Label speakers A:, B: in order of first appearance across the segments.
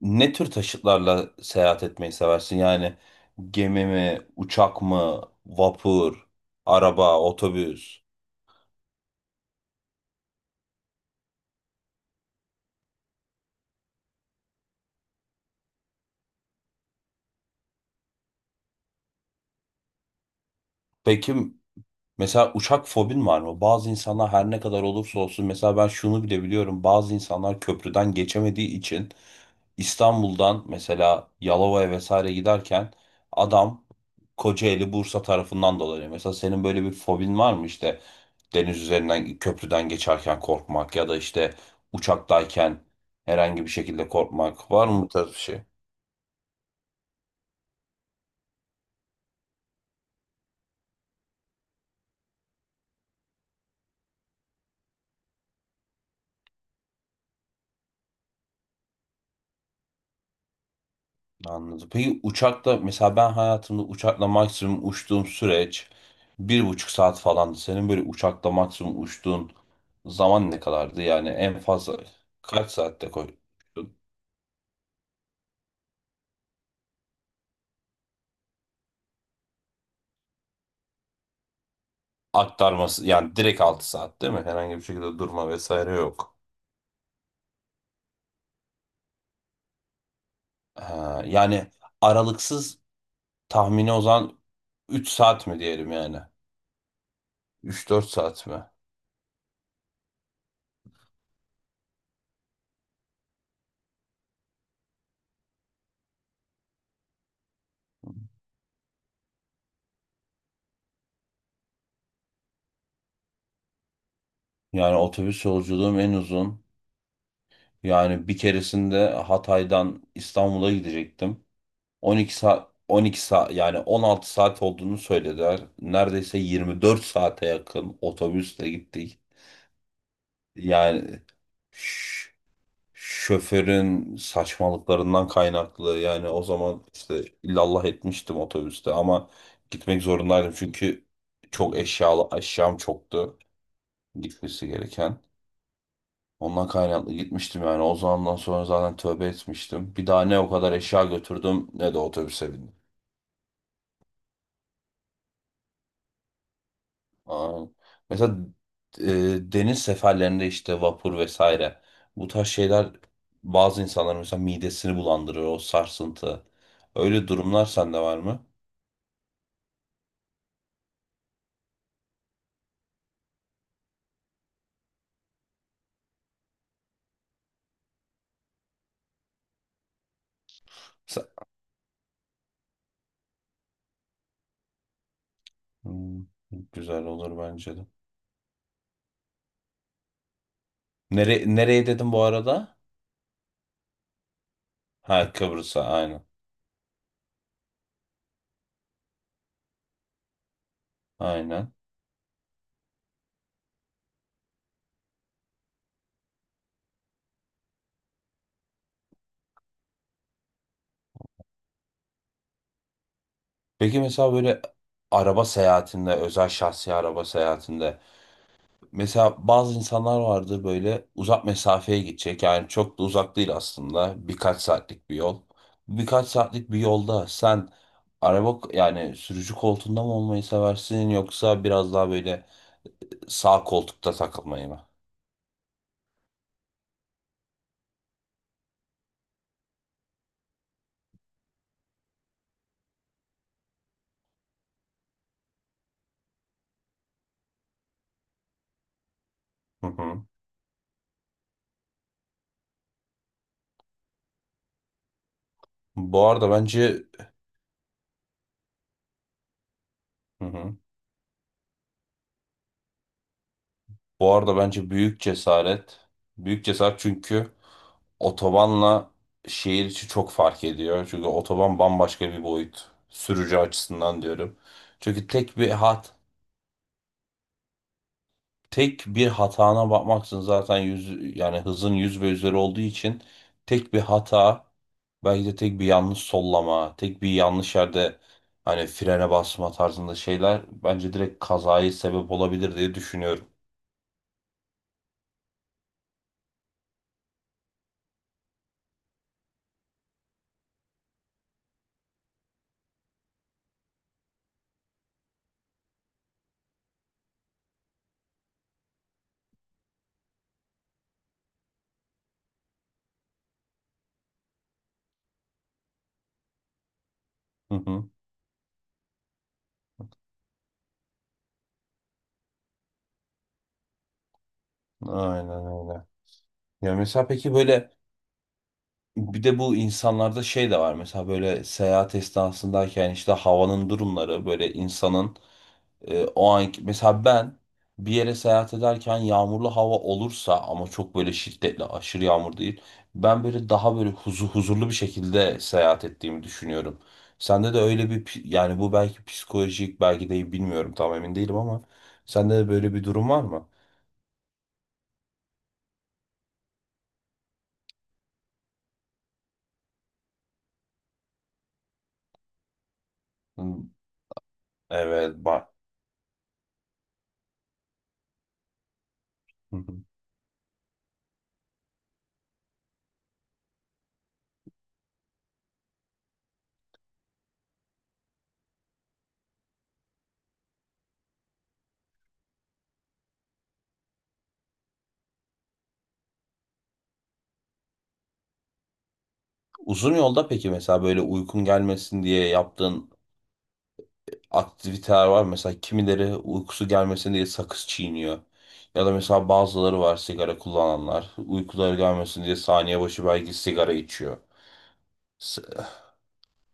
A: Ne tür taşıtlarla seyahat etmeyi seversin? Yani gemi mi, uçak mı, vapur, araba, otobüs? Peki, mesela uçak fobin var mı? Bazı insanlar her ne kadar olursa olsun, mesela ben şunu bile biliyorum. Bazı insanlar köprüden geçemediği için İstanbul'dan mesela Yalova'ya vesaire giderken adam Kocaeli Bursa tarafından dolanıyor. Mesela senin böyle bir fobin var mı, işte deniz üzerinden köprüden geçerken korkmak ya da işte uçaktayken herhangi bir şekilde korkmak var mı, bu tarz bir şey? Anladım. Peki uçakla, mesela ben hayatımda uçakla maksimum uçtuğum süreç 1,5 saat falandı. Senin böyle uçakla maksimum uçtuğun zaman ne kadardı? Yani en fazla kaç saatte koy aktarması, yani direkt 6 saat değil mi? Herhangi bir şekilde durma vesaire yok. Ha, yani aralıksız tahmini o zaman 3 saat mi diyelim yani? Üç dört saat mi? Yani otobüs yolculuğum en uzun. Yani bir keresinde Hatay'dan İstanbul'a gidecektim. 12 saat, 12 saat, yani 16 saat olduğunu söylediler. Neredeyse 24 saate yakın otobüsle gittik. Yani ş- şoförün saçmalıklarından kaynaklı yani, o zaman işte illallah etmiştim otobüste, ama gitmek zorundaydım çünkü çok eşyam çoktu, gitmesi gereken. Ondan kaynaklı gitmiştim, yani o zamandan sonra zaten tövbe etmiştim. Bir daha ne o kadar eşya götürdüm ne de otobüse bindim. Aa, mesela e, deniz seferlerinde işte vapur vesaire, bu tarz şeyler bazı insanların mesela midesini bulandırır, o sarsıntı. Öyle durumlar sende var mı? Sen- Hmm, güzel olur bence de. Nereye dedim bu arada? Ha, Kıbrıs'a, aynen. Aynen. Peki mesela böyle araba seyahatinde, özel şahsi araba seyahatinde, mesela bazı insanlar vardı, böyle uzak mesafeye gidecek, yani çok da uzak değil aslında, birkaç saatlik bir yol. Birkaç saatlik bir yolda sen araba, yani sürücü koltuğunda mı olmayı seversin, yoksa biraz daha böyle sağ koltukta takılmayı mı? Hı hı. Bu arada bence hı hı. Bu arada bence büyük cesaret. Büyük cesaret, çünkü otobanla şehir içi çok fark ediyor. Çünkü otoban bambaşka bir boyut, sürücü açısından diyorum. Çünkü tek bir hatana bakmaksın zaten, yüz yani hızın yüz ve üzeri olduğu için tek bir hata, belki de tek bir yanlış sollama, tek bir yanlış yerde, hani frene basma tarzında şeyler, bence direkt kazaya sebep olabilir diye düşünüyorum. Hı hı. Aynen öyle. Ya mesela peki böyle, bir de bu insanlarda şey de var mesela, böyle seyahat esnasındayken işte havanın durumları böyle insanın, o an mesela ben bir yere seyahat ederken yağmurlu hava olursa, ama çok böyle şiddetli aşırı yağmur değil. Ben böyle daha böyle huzurlu bir şekilde seyahat ettiğimi düşünüyorum. Sende de öyle bir yani bu belki psikolojik, belki de bilmiyorum, tam emin değilim, ama sende de böyle bir durum var mı? Hı, evet var. Hı hı. Uzun yolda peki mesela böyle uykun gelmesin diye yaptığın aktiviteler var. Mesela kimileri uykusu gelmesin diye sakız çiğniyor. Ya da mesela bazıları var, sigara kullananlar. Uykuları gelmesin diye saniye başı belki sigara içiyor. S-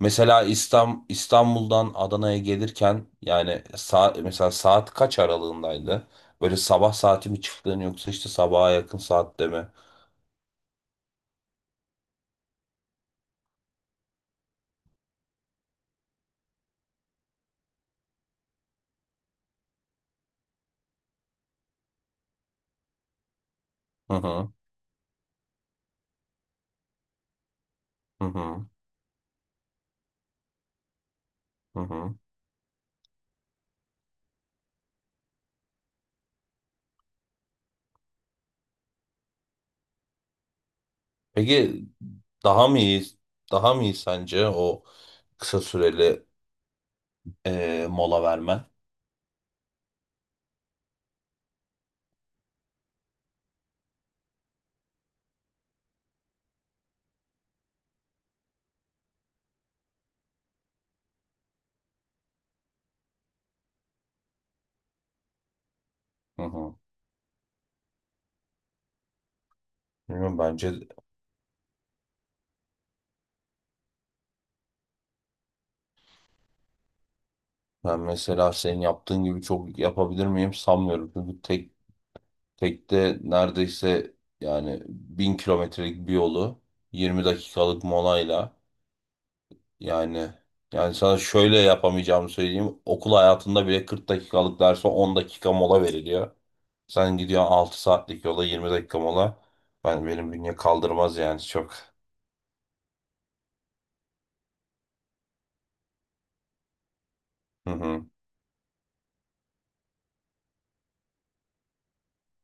A: Mesela İstanbul'dan Adana'ya gelirken, yani saat, mesela saat kaç aralığındaydı? Böyle sabah saati mi çıktın, yoksa işte sabaha yakın saatte mi? Hı hı, hı hı hı. Hı. Peki daha mı iyi, daha mı iyi sence o kısa süreli mola vermen? Hı hı. Bilmiyorum, bence ben mesela senin yaptığın gibi çok yapabilir miyim, sanmıyorum. Çünkü tekte neredeyse yani 1.000 kilometrelik bir yolu 20 dakikalık molayla, yani yani sana şöyle yapamayacağımı söyleyeyim. Okul hayatında bile 40 dakikalık derse 10 dakika mola veriliyor. Sen gidiyorsun 6 saatlik yola 20 dakika mola. Ben, benim bünye kaldırmaz yani, çok. Hı hı.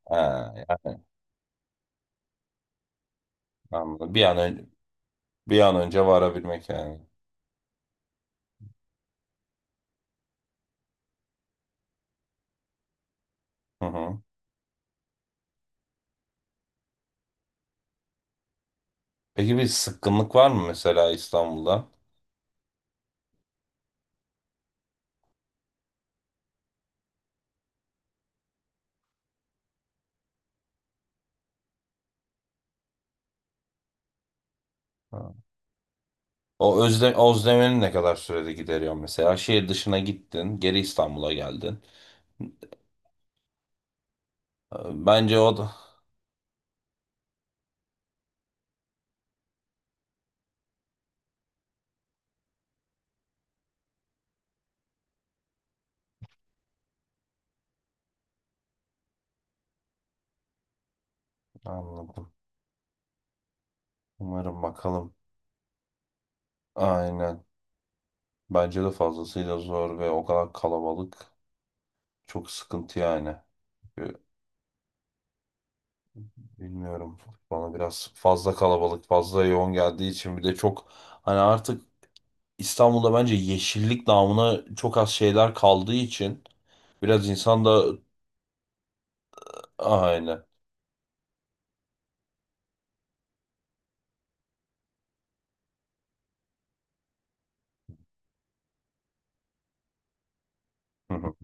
A: Ha, yani anladım. Bir an önce, varabilmek yani. Hı hı. Peki bir sıkkınlık var mı mesela İstanbul'da? Ha. O özlemeni ne kadar sürede gideriyor mesela? Şehir dışına gittin, geri İstanbul'a geldin. Ee, Bence o da anladım. Umarım, bakalım. Aynen. Bence de fazlasıyla zor, ve o kadar kalabalık, çok sıkıntı yani. Ee, Bilmiyorum. Bana biraz fazla kalabalık, fazla yoğun geldiği için, bir de çok hani artık İstanbul'da bence yeşillik namına çok az şeyler kaldığı için biraz insan da aynı. Hı hı.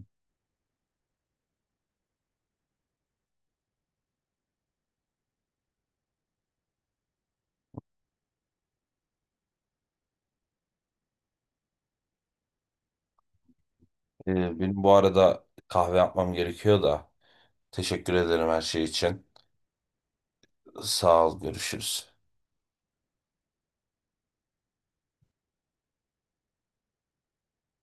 A: Benim bu arada kahve yapmam gerekiyor da. Teşekkür ederim her şey için. Sağ ol, görüşürüz.